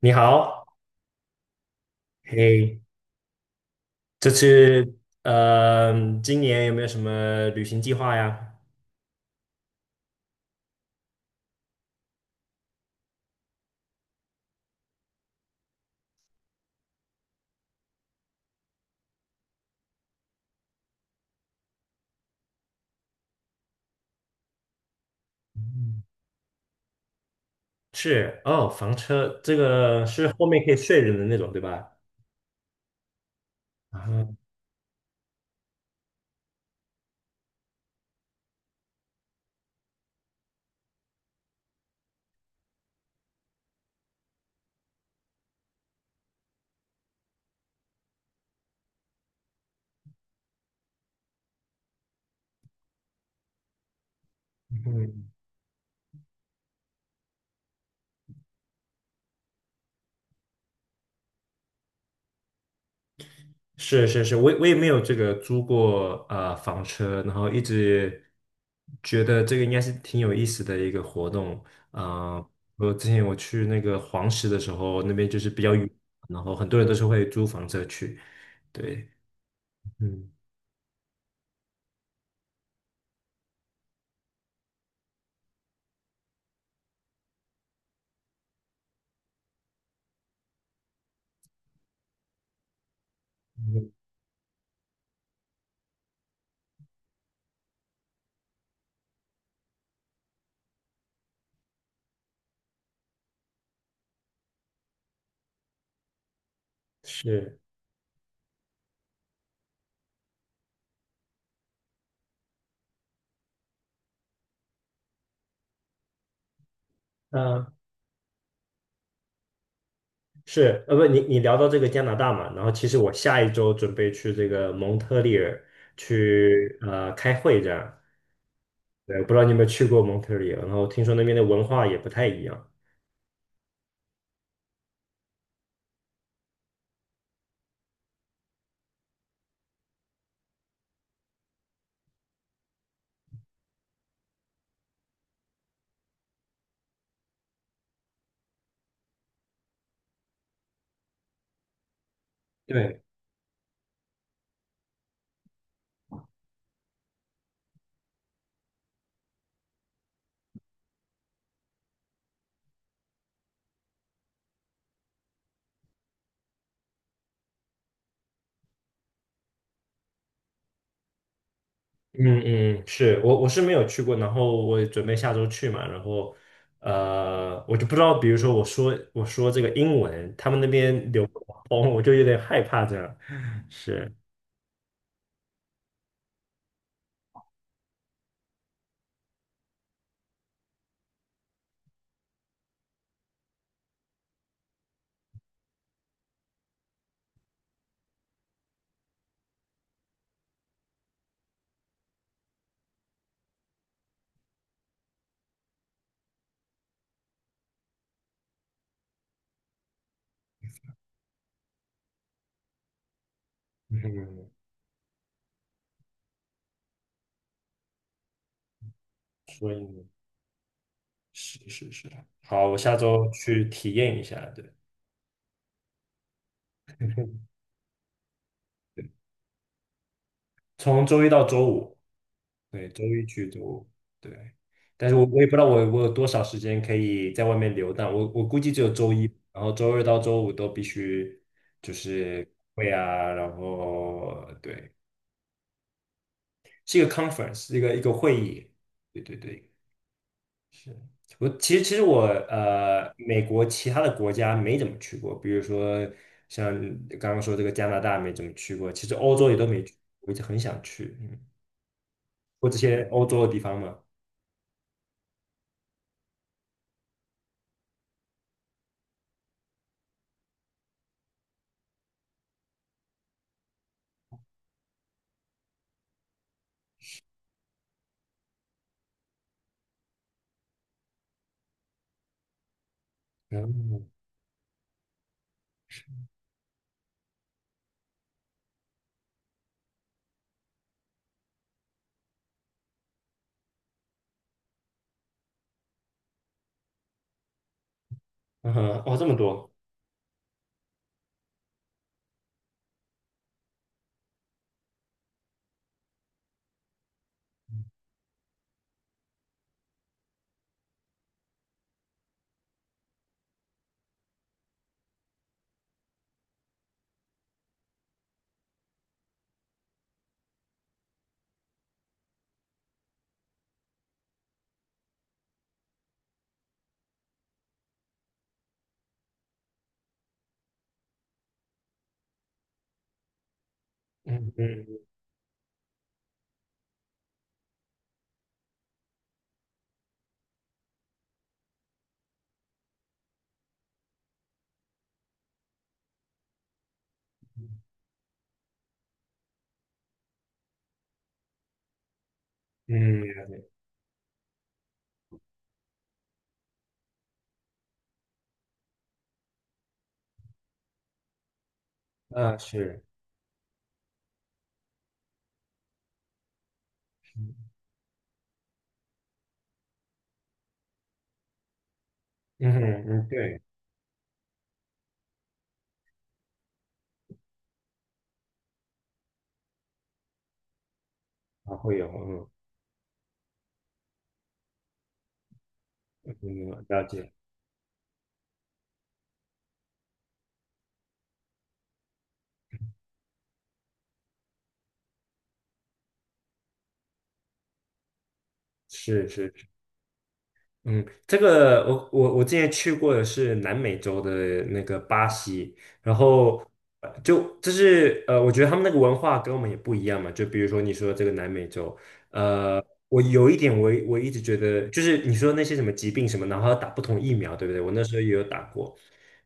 你好。嘿，这次呃，今年有没有什么旅行计划呀？嗯。是哦，房车这个是后面可以睡人的那种，对吧？啊。嗯，是是是，我也没有这个租过房车，然后一直觉得这个应该是挺有意思的一个活动。啊、我之前去那个黄石的时候，那边就是比较远，然后很多人都是会租房车去。对。嗯，嗯是。嗯，是，不，你聊到这个加拿大嘛，然后其实我下一周准备去这个蒙特利尔去开会这样。对，不知道你有没有去过蒙特利尔，然后听说那边的文化也不太一样。对，嗯嗯，是我是没有去过，然后我也准备下周去嘛，然后我就不知道，比如说我说这个英文，他们那边流哦，我就有点害怕这样。是，嗯，所以是是是，好，我下周去体验一下，对。从周一到周五。对，周一去周五。对。但是我也不知道我有多少时间可以在外面游荡，我估计只有周一，然后周二到周五都必须会啊。然后对，是一个 conference，一个会议，对对对，是。我其实，美国其他的国家没怎么去过，比如说像刚刚说这个加拿大没怎么去过，其实欧洲也都没去，我一直很想去，嗯，或这些欧洲的地方嘛。嗯，嗯哼。哦，这么多。嗯嗯嗯。啊是。嗯哼。嗯对。啊会有。嗯嗯。了解。是是是。嗯。这个我之前去过的是南美洲的那个巴西，然后就是，我觉得他们那个文化跟我们也不一样嘛，就比如说你说这个南美洲，呃，我有一点我一直觉得就是你说那些什么疾病什么，然后要打不同疫苗，对不对？我那时候也有打过。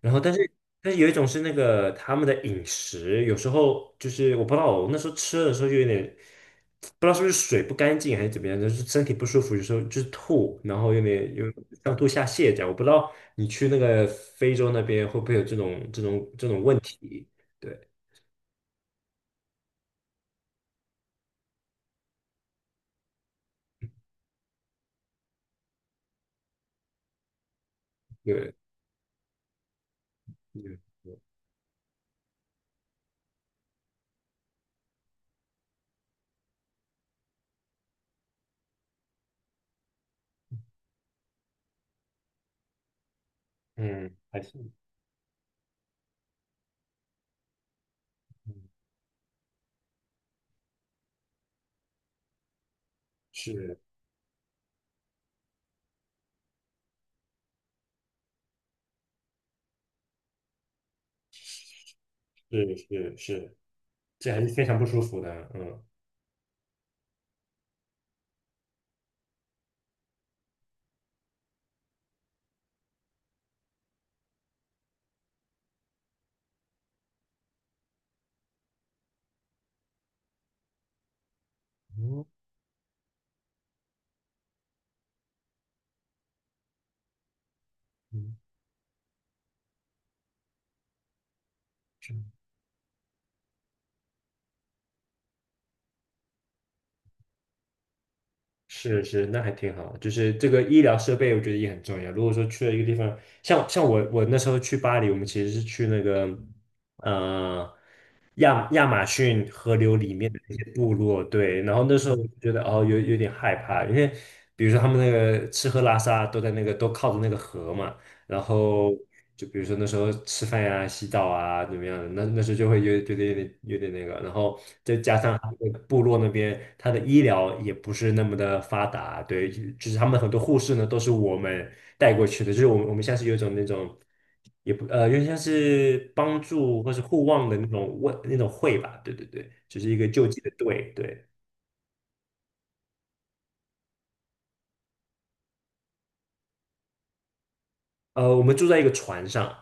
然后，但是有一种是那个他们的饮食，有时候就是我不知道，我那时候吃的时候就有点不知道是不是水不干净还是怎么样，就是身体不舒服，有时候就是吐，然后有上吐下泻这样。我不知道你去那个非洲那边会不会有这种问题？对，对，嗯，嗯还是嗯，是是是是。这还是非常不舒服的。嗯嗯嗯。是是是，那还挺好。就是这个医疗设备，我觉得也很重要。如果说去了一个地方，像我那时候去巴黎，我们其实是去那个呃亚马逊河流里面的那些部落。对。然后那时候我就觉得哦，有点害怕，因为比如说他们那个吃喝拉撒都在那个都靠着那个河嘛，然后就比如说那时候吃饭呀、洗澡啊怎么样的，那时候就会有觉得有点那个，然后再加上他那个部落那边，他的医疗也不是那么的发达，对，就是他们很多护士呢都是我们带过去的，就是我们像是有一种那种。也不有点像是帮助或是互望的那种会吧，对对对，就是一个救济的队。对。我们住在一个船上。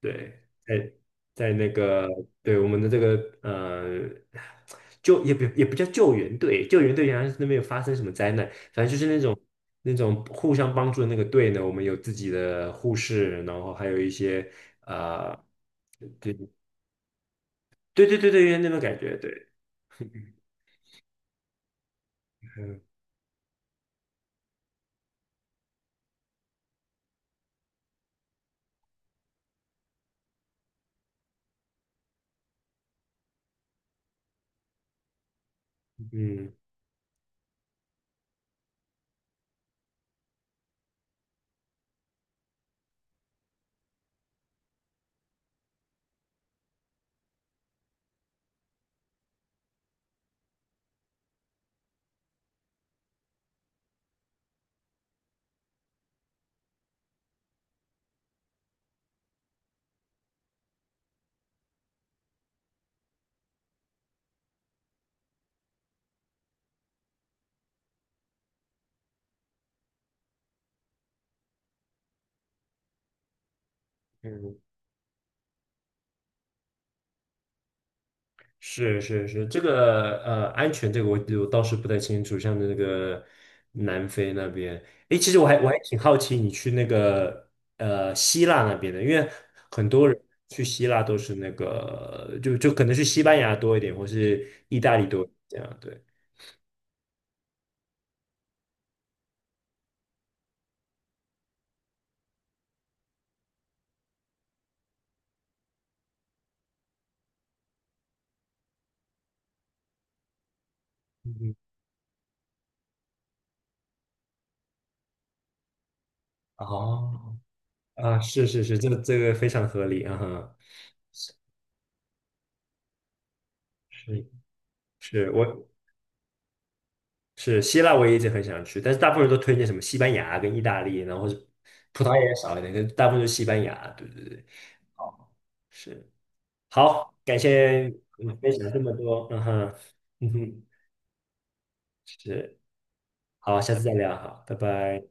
对。在那个，对，我们的这个呃救也不也不叫救援队，救援队好像是那边有发生什么灾难，反正就是那种互相帮助的那个队呢，我们有自己的护士，然后还有一些呃，对对对对对，有点那种感觉，对，嗯嗯。是是是，这个安全这个我倒是不太清楚，像那个南非那边，诶，其实我还挺好奇你去那个希腊那边的，因为很多人去希腊都是那个就可能去西班牙多一点，或是意大利多一点这样，对，嗯，哦，啊，是是是，这个非常合理啊哈。是是，我。是希腊我也一直很想去，但是大部分人都推荐什么西班牙跟意大利，然后是葡萄牙也少一点，但大部分就是西班牙。对对对。好。是。好，感谢你分享这么多，嗯哼，嗯哼，是。好，下次再聊，好，拜拜。